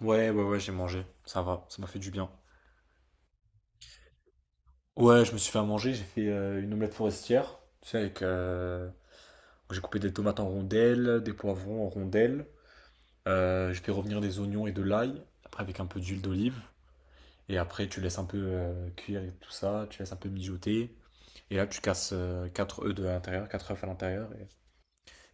Ouais, ouais, ouais, j'ai mangé. Ça va, ça m'a fait du bien. Ouais, je me suis fait à manger. J'ai fait une omelette forestière. Tu sais, avec. J'ai coupé des tomates en rondelles, des poivrons en rondelles. J'ai fait revenir des oignons et de l'ail. Après, avec un peu d'huile d'olive. Et après, tu laisses un peu cuire et tout ça. Tu laisses un peu mijoter. Et là, tu casses 4 œufs de l'intérieur, 4 œufs à l'intérieur.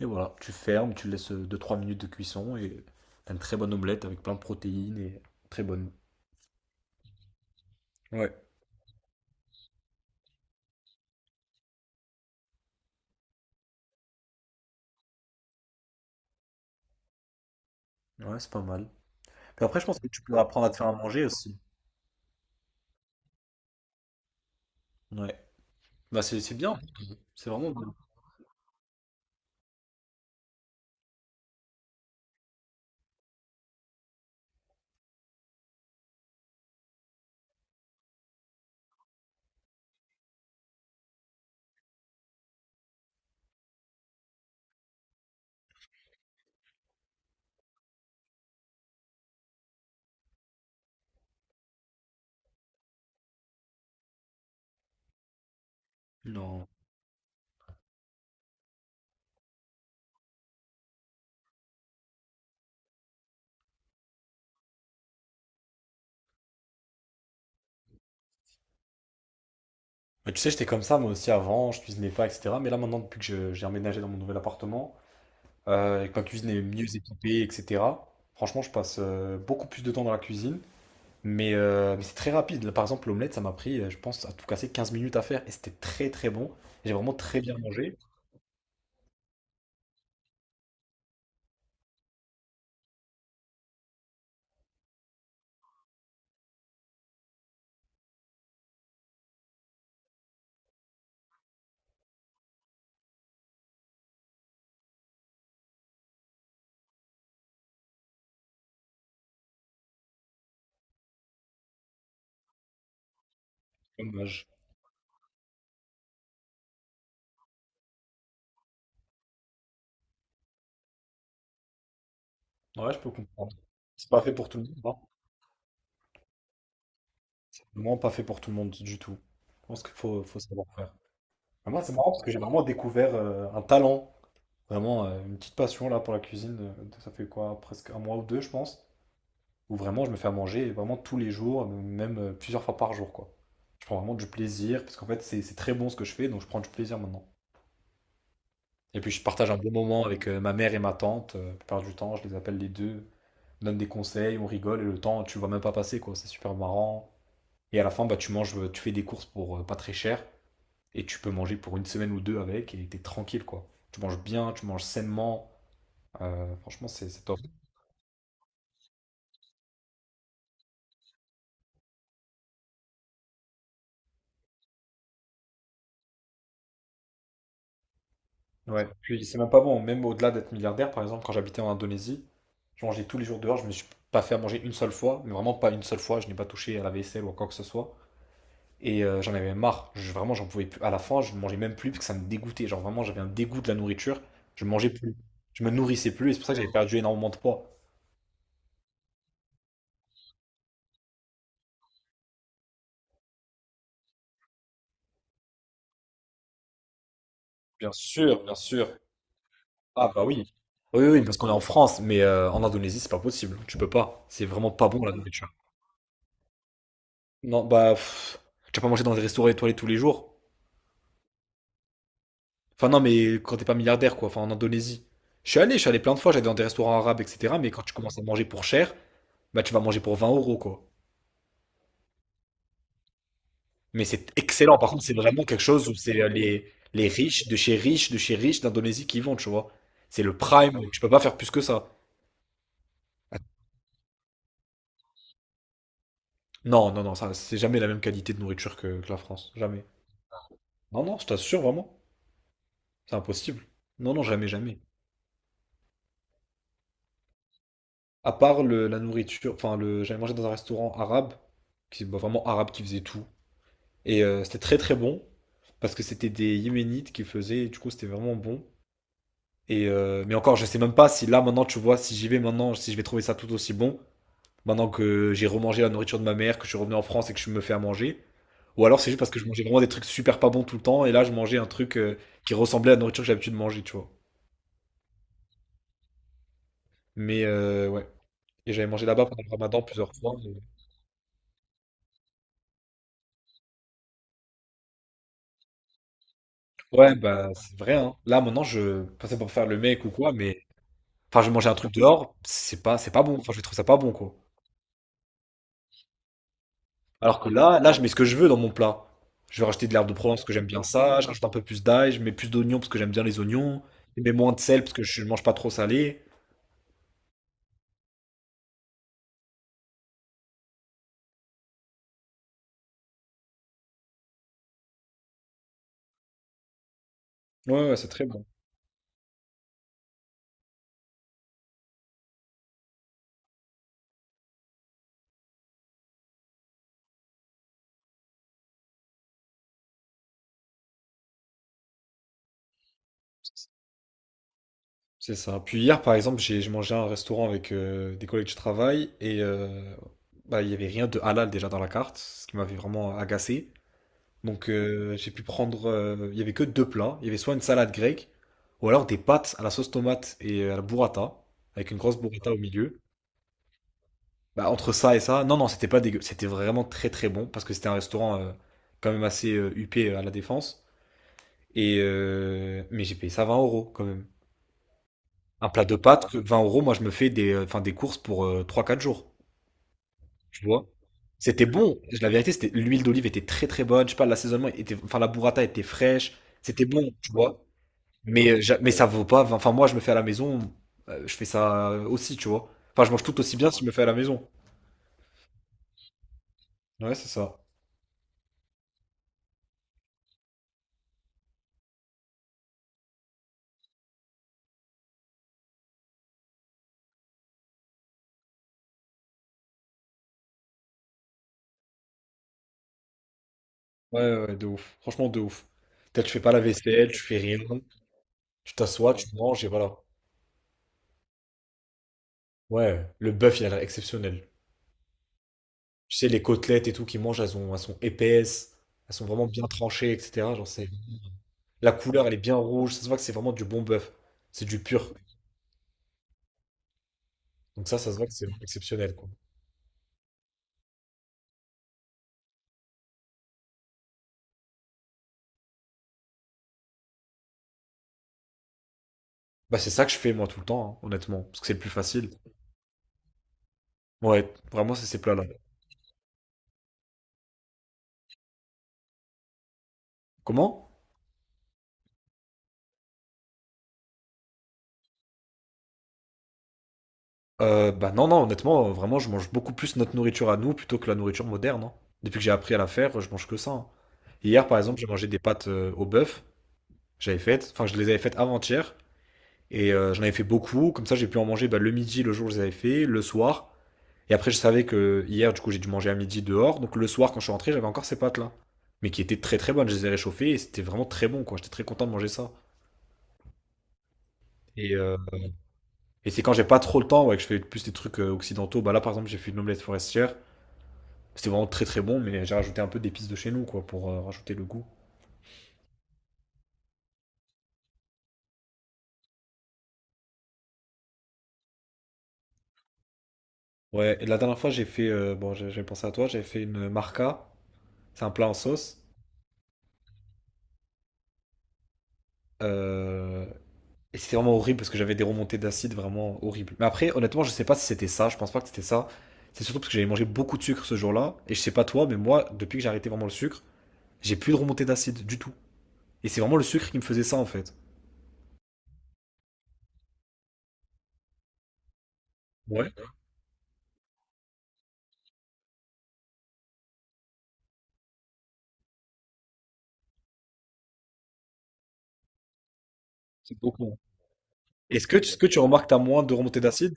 Et voilà, tu fermes, tu laisses deux trois minutes de cuisson. Et t'as une très bonne omelette avec plein de protéines et très bonne. Ouais, ouais, c'est pas mal. Puis après, je pense que tu peux apprendre à te faire à manger aussi. Ouais. Bah, c'est bien. C'est vraiment bien. Non. Bah, tu sais, j'étais comme ça moi aussi avant, je cuisinais pas, etc. Mais là maintenant, depuis que j'ai emménagé dans mon nouvel appartement, et que ma cuisine est mieux équipée, etc. Franchement, je passe beaucoup plus de temps dans la cuisine. Mais c'est très rapide. Là, par exemple, l'omelette, ça m'a pris, je pense, à tout casser 15 minutes à faire. Et c'était très très bon. J'ai vraiment très bien mangé. Dommage. Ouais, je peux comprendre. C'est pas fait pour tout le monde, hein. Vraiment pas fait pour tout le monde du tout. Je pense qu'il faut, savoir faire. Mais moi, c'est marrant parce que j'ai vraiment découvert un talent, vraiment une petite passion là pour la cuisine. Ça fait quoi, presque un mois ou deux, je pense, où vraiment je me fais à manger vraiment tous les jours, même plusieurs fois par jour, quoi. Je prends vraiment du plaisir parce qu'en fait, c'est très bon ce que je fais, donc je prends du plaisir maintenant. Et puis, je partage un bon moment avec ma mère et ma tante. La plupart du temps, je les appelle les deux, on donne des conseils, on rigole et le temps, tu le vois même pas passer, quoi. C'est super marrant. Et à la fin, bah, tu manges, tu fais des courses pour pas très cher. Et tu peux manger pour une semaine ou deux avec et t'es tranquille, quoi. Tu manges bien, tu manges sainement. Franchement, c'est top. Ouais. Puis c'est même pas bon, même au-delà d'être milliardaire, par exemple, quand j'habitais en Indonésie, je mangeais tous les jours dehors, je me suis pas fait à manger une seule fois, mais vraiment pas une seule fois, je n'ai pas touché à la vaisselle ou à quoi que ce soit. J'en avais marre, vraiment j'en pouvais plus. À la fin, je ne mangeais même plus parce que ça me dégoûtait. Genre vraiment, j'avais un dégoût de la nourriture, je mangeais plus, je me nourrissais plus, et c'est pour ça que j'avais perdu énormément de poids. Bien sûr, bien sûr. Ah bah oui. Oui, oui, parce qu'on est en France, mais en Indonésie, c'est pas possible. Tu peux pas. C'est vraiment pas bon la nourriture. Non, bah, pff, tu vas pas manger dans des restaurants étoilés tous les jours. Enfin, non, mais quand t'es pas milliardaire, quoi. Enfin, en Indonésie. Je suis allé plein de fois, j'allais dans des restaurants arabes, etc. Mais quand tu commences à manger pour cher, bah, tu vas manger pour 20 euros, quoi. Mais c'est excellent. Par contre, c'est vraiment quelque chose où c'est les riches de chez riches, de chez riches d'Indonésie qui y vont, tu vois. C'est le prime. Tu peux pas faire plus que ça. Non, non, non, ça, c'est jamais la même qualité de nourriture que la France. Jamais. Non, non, je t'assure vraiment, c'est impossible. Non, non, jamais, jamais. À part la nourriture, enfin, j'avais mangé dans un restaurant arabe, qui, bah, vraiment arabe qui faisait tout. C'était très très bon, parce que c'était des Yéménites qui faisaient, et du coup c'était vraiment bon. Et mais encore, je sais même pas si là maintenant, tu vois, si j'y vais maintenant, si je vais trouver ça tout aussi bon, maintenant que j'ai remangé la nourriture de ma mère, que je suis revenu en France et que je me fais à manger. Ou alors c'est juste parce que je mangeais vraiment des trucs super pas bons tout le temps, et là je mangeais un truc qui ressemblait à la nourriture que j'ai l'habitude de manger, tu vois. Mais ouais. Et j'avais mangé là-bas pendant le ramadan plusieurs fois. Ouais, bah c'est vrai, hein. Là maintenant je passais pour faire le mec ou quoi, mais enfin je mangeais un truc dehors, c'est pas bon. Enfin je trouve ça pas bon, quoi. Alors que là, je mets ce que je veux dans mon plat. Je vais rajouter de l'herbe de Provence parce que j'aime bien ça, je rajoute un peu plus d'ail, je mets plus d'oignons parce que j'aime bien les oignons, je mets moins de sel parce que je mange pas trop salé. Ouais, ouais, c'est très bon. C'est ça. Puis hier, par exemple, j'ai mangé à un restaurant avec des collègues de travail et bah, il y avait rien de halal déjà dans la carte, ce qui m'avait vraiment agacé. Donc j'ai pu prendre, il y avait que deux plats. Il y avait soit une salade grecque, ou alors des pâtes à la sauce tomate et à la burrata, avec une grosse burrata au milieu. Bah, entre ça et ça, non, non, c'était pas dégueu. C'était vraiment très très bon, parce que c'était un restaurant quand même assez huppé à La Défense. Et mais j'ai payé ça 20 euros quand même. Un plat de pâtes, que 20 euros, moi je me fais des courses pour 3-4 jours, tu vois. C'était bon, la vérité, c'était l'huile d'olive était très très bonne, je sais pas, l'assaisonnement était, enfin la burrata était fraîche, c'était bon, tu vois. Mais ça vaut pas. Enfin, moi, je me fais à la maison. Je fais ça aussi, tu vois. Enfin, je mange tout aussi bien si je me fais à la maison. Ouais, c'est ça. Ouais, ouais, ouais, de ouf. Franchement, de ouf. Peut-être tu fais pas la vaisselle, tu fais rien. Tu t'assois, tu manges et voilà. Ouais, le bœuf, il a l'air exceptionnel. Tu sais, les côtelettes et tout qu'ils mangent, elles sont épaisses. Elles sont vraiment bien tranchées, etc. Genre, c'est. La couleur, elle est bien rouge. Ça se voit que c'est vraiment du bon bœuf. C'est du pur. Donc ça se voit que c'est exceptionnel, quoi. Bah, c'est ça que je fais, moi, tout le temps, hein, honnêtement. Parce que c'est le plus facile. Ouais, vraiment, c'est ces plats-là. Comment? Bah non, non, honnêtement, vraiment, je mange beaucoup plus notre nourriture à nous plutôt que la nourriture moderne, hein. Depuis que j'ai appris à la faire, je mange que ça, hein. Hier, par exemple, j'ai mangé des pâtes au bœuf. J'avais faites, enfin, je les avais faites avant-hier. J'en avais fait beaucoup. Comme ça, j'ai pu en manger bah, le midi, le jour où je les avais fait, le soir. Et après, je savais que hier, du coup, j'ai dû manger à midi dehors. Donc le soir, quand je suis rentré, j'avais encore ces pâtes-là. Mais qui étaient très très bonnes. Je les ai réchauffées et c'était vraiment très bon, quoi. J'étais très content de manger ça. Et euh, Et c'est quand j'ai pas trop le temps, ouais, que je fais plus des trucs occidentaux. Bah là, par exemple, j'ai fait une omelette forestière. C'était vraiment très très bon, mais j'ai rajouté un peu d'épices de chez nous, quoi, pour rajouter le goût. Ouais, et la dernière fois, j'ai fait, bon, j'ai pensé à toi, j'avais fait une marca. C'est un plat en sauce. Euh, et c'était vraiment horrible parce que j'avais des remontées d'acide vraiment horribles. Mais après, honnêtement, je sais pas si c'était ça. Je pense pas que c'était ça. C'est surtout parce que j'avais mangé beaucoup de sucre ce jour-là. Et je sais pas toi, mais moi, depuis que j'ai arrêté vraiment le sucre, j'ai plus de remontées d'acide du tout. Et c'est vraiment le sucre qui me faisait ça, en fait. Ouais. Est-ce que, ce que tu remarques que t'as moins de remontées d'acide?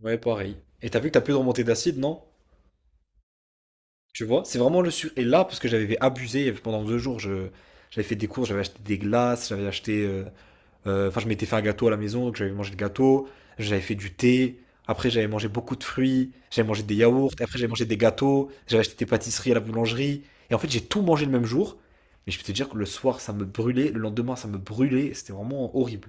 Ouais, pareil. Et t'as vu que t'as plus de remontées d'acide, non? Tu vois, c'est vraiment le sur. Et là, parce que j'avais abusé pendant 2 jours, j'avais fait des courses, j'avais acheté des glaces, j'avais acheté. Enfin, je m'étais fait un gâteau à la maison, donc j'avais mangé le gâteau, j'avais fait du thé, après j'avais mangé beaucoup de fruits, j'avais mangé des yaourts, après j'avais mangé des gâteaux, j'avais acheté des pâtisseries à la boulangerie. Et en fait, j'ai tout mangé le même jour, mais je peux te dire que le soir, ça me brûlait, le lendemain, ça me brûlait, c'était vraiment horrible.